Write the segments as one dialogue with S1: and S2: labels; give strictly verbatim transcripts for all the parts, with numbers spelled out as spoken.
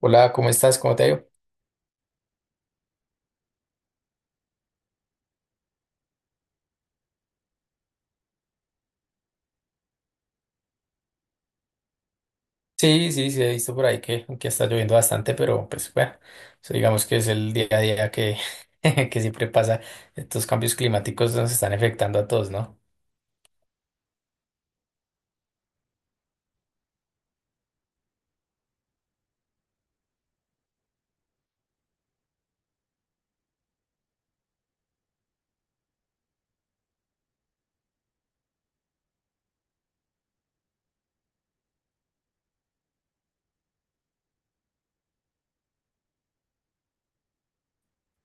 S1: Hola, ¿cómo estás? ¿Cómo te ha ido? Sí, sí, sí, he visto por ahí que, que está lloviendo bastante, pero pues bueno, eso digamos que es el día a día que, que siempre pasa. Estos cambios climáticos nos están afectando a todos, ¿no?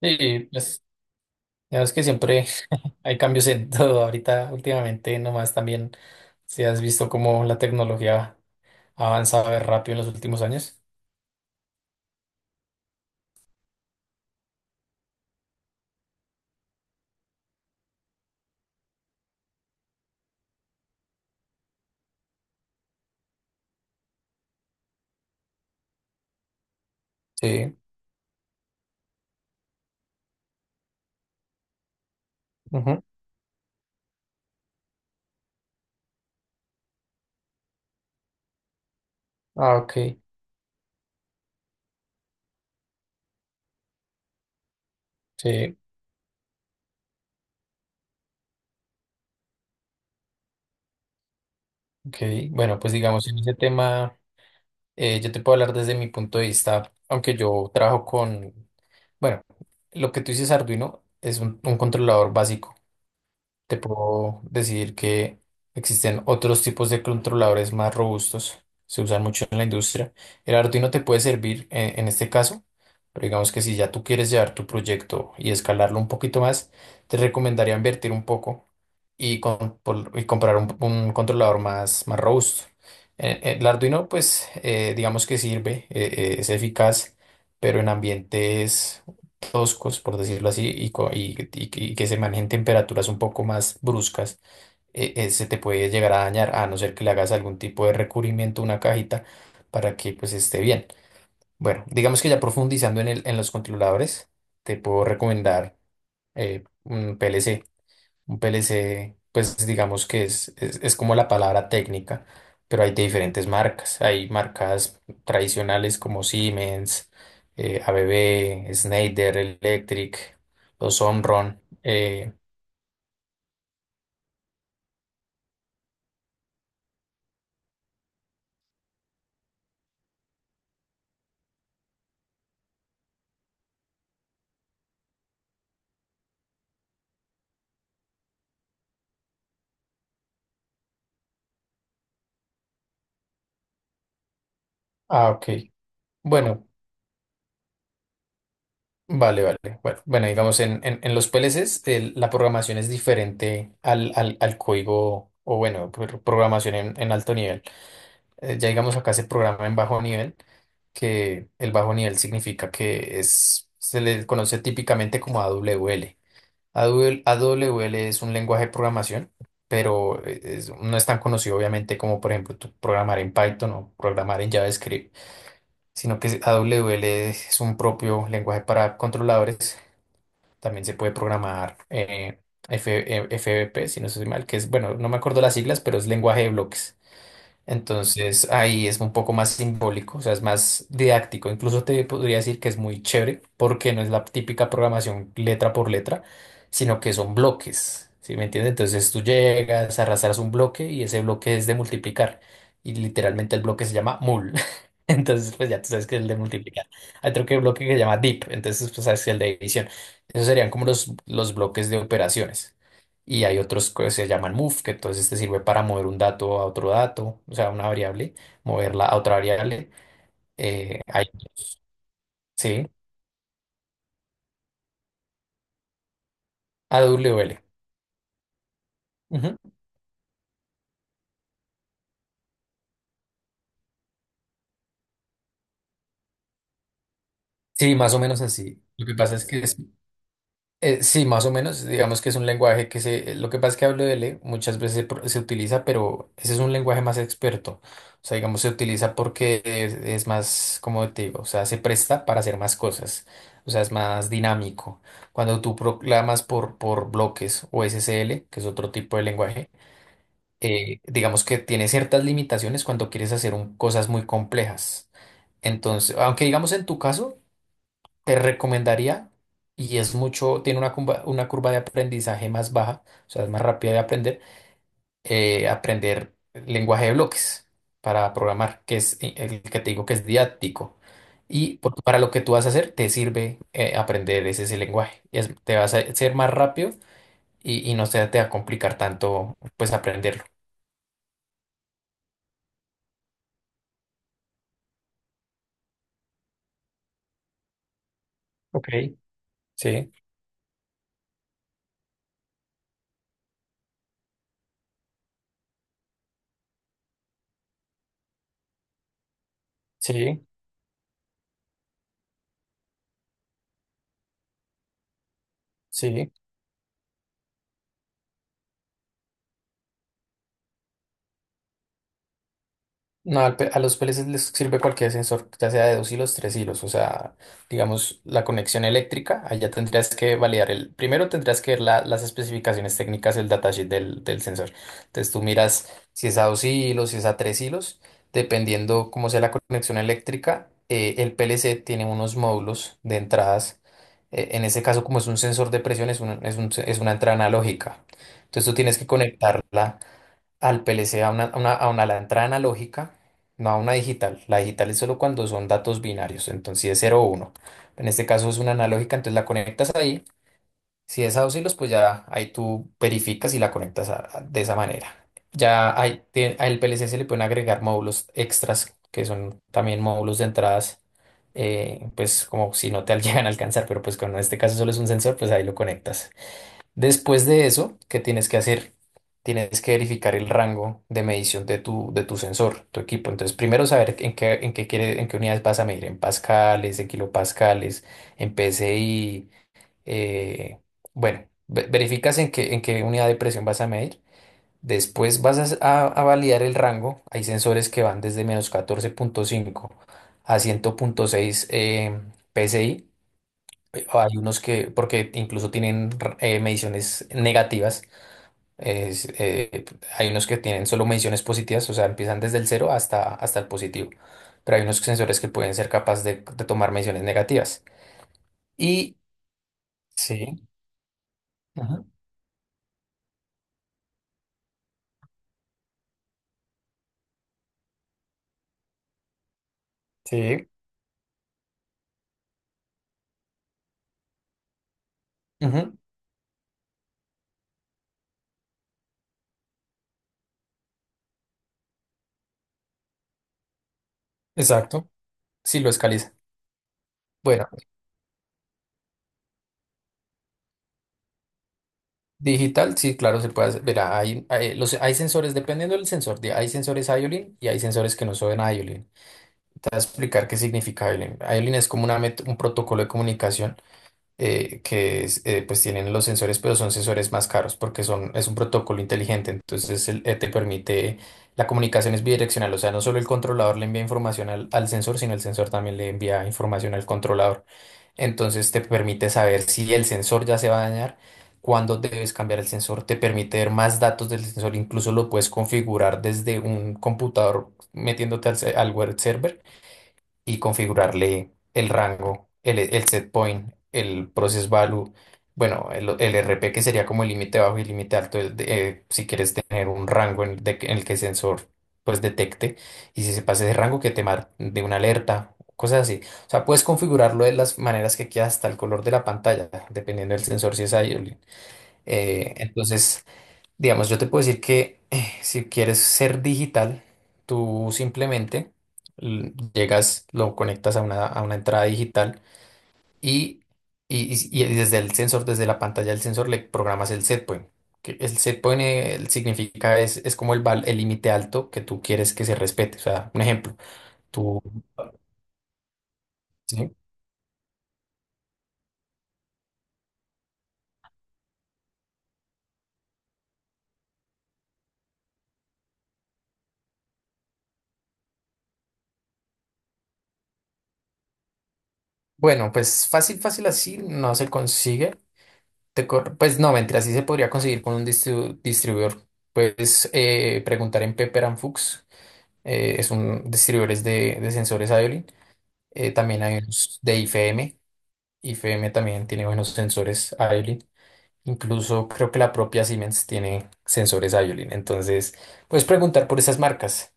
S1: Sí, pues digamos que siempre hay cambios en todo. Ahorita, últimamente, nomás también, si has visto cómo la tecnología ha avanzado de rápido en los últimos años. Sí. Ujú. Ah, ok. Sí, ok. Bueno, pues digamos en ese tema. Eh, yo te puedo hablar desde mi punto de vista, aunque yo trabajo con, bueno, lo que tú dices Arduino es un, un controlador básico. Te puedo decir que existen otros tipos de controladores más robustos, se usan mucho en la industria. El Arduino te puede servir en, en este caso, pero digamos que si ya tú quieres llevar tu proyecto y escalarlo un poquito más, te recomendaría invertir un poco y, con- por- y comprar un, un controlador más, más robusto. Eh, eh, El Arduino, pues, eh, digamos que sirve, eh, eh, es eficaz, pero en ambientes toscos, por decirlo así, y, co- y- y- y que se manejen temperaturas un poco más bruscas, eh, eh, se te puede llegar a dañar, a no ser que le hagas algún tipo de recubrimiento a una cajita para que pues esté bien. Bueno, digamos que ya profundizando en el, en los controladores, te puedo recomendar eh, un P L C. Un P L C, pues digamos que es, es, es como la palabra técnica, pero hay de diferentes marcas. Hay marcas tradicionales como Siemens, eh, A B B, Schneider Electric, los Omron. Eh, ah, ok. Bueno, vale, vale. Bueno, bueno, digamos, en, en, en los P L Cs el- la programación es diferente al, al, al código, o bueno, pro- programación en en alto nivel. eh, ya digamos acá se programa en bajo nivel, que el bajo nivel significa que es, se le conoce típicamente como A W L. A W L A W L. W L es un lenguaje de programación, pero eh, es- no es tan conocido obviamente como por ejemplo tú programar en Python o programar en JavaScript, sino que A W L es un propio lenguaje para controladores. También se puede programar eh, F- eh, F B P si no estoy mal, que es, bueno, no me acuerdo las siglas, pero es lenguaje de bloques. Entonces ahí es un poco más simbólico, o sea, es más didáctico. Incluso te podría decir que es muy chévere porque no es la típica programación letra por letra, sino que son bloques, ¿sí me entiendes? Entonces tú llegas, arrastras un bloque y ese bloque es de multiplicar. Y literalmente el bloque se llama mul. Entonces, pues ya tú sabes que es el de multiplicar. Hay otro que bloque que se llama dip, entonces pues sabes que es el de división. Esos serían como los, los bloques de operaciones. Y hay otros que se llaman move, que entonces te sirve para mover un dato a otro dato, o sea, una variable, moverla a otra variable. Eh, hay, otros. Sí, A W l. Ujú. Sí, más o menos así. Lo que pasa es que Eh, sí, más o menos, digamos que es un lenguaje que se, eh, lo que pasa es que hablo de L muchas veces se, pro- se utiliza, pero ese es un lenguaje más experto. O sea, digamos, se utiliza porque es, es más, como te digo, o sea, se presta para hacer más cosas. O sea, es más dinámico. Cuando tú proclamas por, por bloques o S S L, que es otro tipo de lenguaje, eh, digamos que tiene ciertas limitaciones cuando quieres hacer un- cosas muy complejas. Entonces, aunque digamos en tu caso, te recomendaría, y es mucho, tiene una curva, una curva de aprendizaje más baja, o sea, es más rápida de aprender, eh, aprender lenguaje de bloques para programar, que es i- el que te digo que es didáctico. Y por- para lo que tú vas a hacer, te sirve eh, aprender ese, ese lenguaje. Es- te vas a ser más rápido y, y no se te va a complicar tanto, pues, aprenderlo. Ok, sí, sí, sí. No, al pe- a los P L Cs les sirve cualquier sensor, ya sea de dos hilos, tres hilos. O sea, digamos, la conexión eléctrica, allá tendrías que validar el. Primero tendrías que ver la- las especificaciones técnicas del datasheet del, del sensor. Entonces tú miras si es a dos hilos, si es a tres hilos. Dependiendo cómo sea la conexión eléctrica, eh, el P L C tiene unos módulos de entradas. Eh, en ese caso, como es un sensor de presión, es un- es un- es una entrada analógica. Entonces tú tienes que conectarla al P L C a una, a una, a una- la entrada analógica, no a una digital. La digital es solo cuando son datos binarios, entonces si es cero o uno. En este caso es una analógica, entonces la conectas ahí. Si es a dos hilos, pues ya ahí tú verificas y la conectas a- a- de esa manera. Ya hay, tie- al P L C se le pueden agregar módulos extras, que son también módulos de entradas, eh, pues como si no te llegan a alcanzar, pero pues como en este caso solo es un sensor, pues ahí lo conectas. Después de eso, ¿qué tienes que hacer? Tienes que verificar el rango de medición de tu, de tu sensor, tu equipo. Entonces, primero saber en qué, en qué quiere, en qué unidades vas a medir, en pascales, en kilopascales, en P S I. eh, bueno, ve- verificas en qué, en qué unidad de presión vas a medir. Después vas a, s- a- a validar el rango. Hay sensores que van desde menos catorce punto cinco a cien punto seis eh, P S I. Hay unos que, porque incluso tienen r- eh, mediciones negativas es, eh, Hay unos que tienen solo mediciones positivas, o sea, empiezan desde el cero hasta, hasta el positivo. Pero hay unos sensores que pueden ser capaces de, de tomar mediciones negativas. Y sí, ujú, sí, ujú, exacto, sí lo escaliza. Bueno, digital, sí, claro, se puede hacer. Verá, hay, hay- los, hay sensores, dependiendo del sensor, de- hay sensores IOLIN y hay sensores que no son IOLIN. Te voy a explicar qué significa IOLIN. IOLIN es como una met- un protocolo de comunicación eh, que es, eh, pues tienen los sensores, pero son sensores más caros porque son, es un protocolo inteligente. Entonces el- eh, te permite, la comunicación es bidireccional, o sea, no solo el controlador le envía información al, al sensor, sino el sensor también le envía información al controlador. Entonces te permite saber si el sensor ya se va a dañar. Cuándo debes cambiar el sensor, te permite ver más datos del sensor, incluso lo puedes configurar desde un computador metiéndote al, se- al web server y configurarle el rango, el, el set point, el process value, bueno, el, el R P que sería como el límite bajo y el límite alto, el de- eh, si quieres tener un rango en el, de- en el que el sensor pues detecte y si se pasa ese rango que te mar de una alerta, cosas así. O sea, puedes configurarlo de las maneras que quieras hasta el color de la pantalla, dependiendo del sensor si es iOLIN. Eh, entonces... Digamos, yo te puedo decir que eh, si quieres ser digital, tú simplemente l- llegas, lo conectas a una, a una entrada digital y, y, y- y desde el sensor, desde la pantalla del sensor, le programas el setpoint. Que el setpoint eh, el significa, es, es como el val- el límite alto que tú quieres que se respete. O sea, un ejemplo, tú... ¿sí? Bueno, pues fácil, fácil así no se consigue. Te cor- pues no, mentira, así se podría conseguir con un distribu- distribuidor. Puedes eh, preguntar en Pepper and Fuchs eh, Es un distribuidores de, de sensores Iolin. Eh, también hay unos de I F M. I F M también tiene buenos sensores Iolin. Incluso creo que la propia Siemens tiene sensores Iolin. Entonces, puedes preguntar por esas marcas.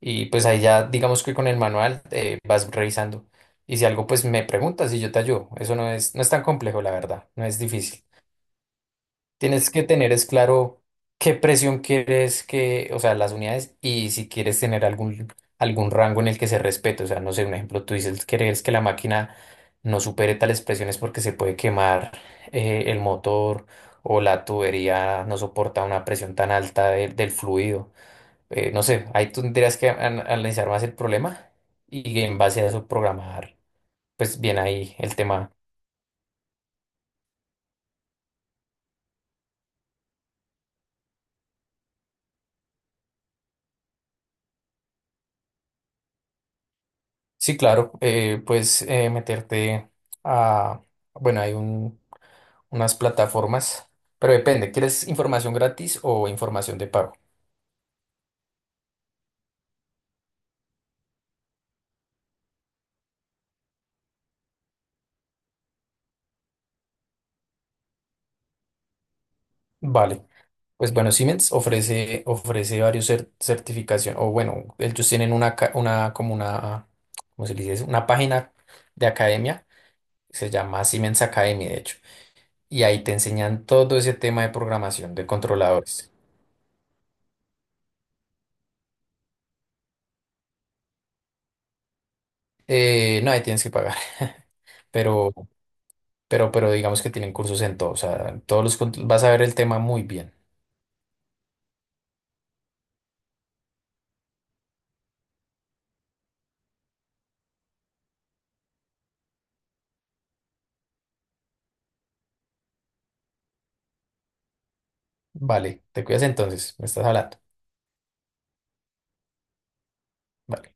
S1: Y pues ahí ya, digamos que con el manual eh, vas revisando. Y si algo, pues me preguntas y yo te ayudo. Eso no es, no es tan complejo, la verdad. No es difícil. Tienes que tener es claro qué presión quieres que, o sea, las unidades y si quieres tener algún, algún rango en el que se respete. O sea, no sé, un ejemplo, tú dices, quieres que la máquina no supere tales presiones porque se puede quemar eh, el motor o la tubería no soporta una presión tan alta de- del fluido. Eh, no sé, ahí tú tendrías que an- analizar más el problema y en base a eso programar, pues bien ahí el tema. Sí, claro, eh, puedes eh, meterte a, bueno, hay un- unas plataformas, pero depende, ¿quieres información gratis o información de pago? Vale, pues bueno, Siemens ofrece, ofrece varios cer- certificación, o bueno, ellos tienen una, ca- una, como una, ¿cómo se le dice eso? Una página de academia, se llama Siemens Academy, de hecho, y ahí te enseñan todo ese tema de programación de controladores. Eh, no, ahí tienes que pagar, pero... Pero, pero digamos que tienen cursos en todo, o sea, en todos los, cont- vas a ver el tema muy bien. Vale, te cuidas entonces, me estás hablando. Vale.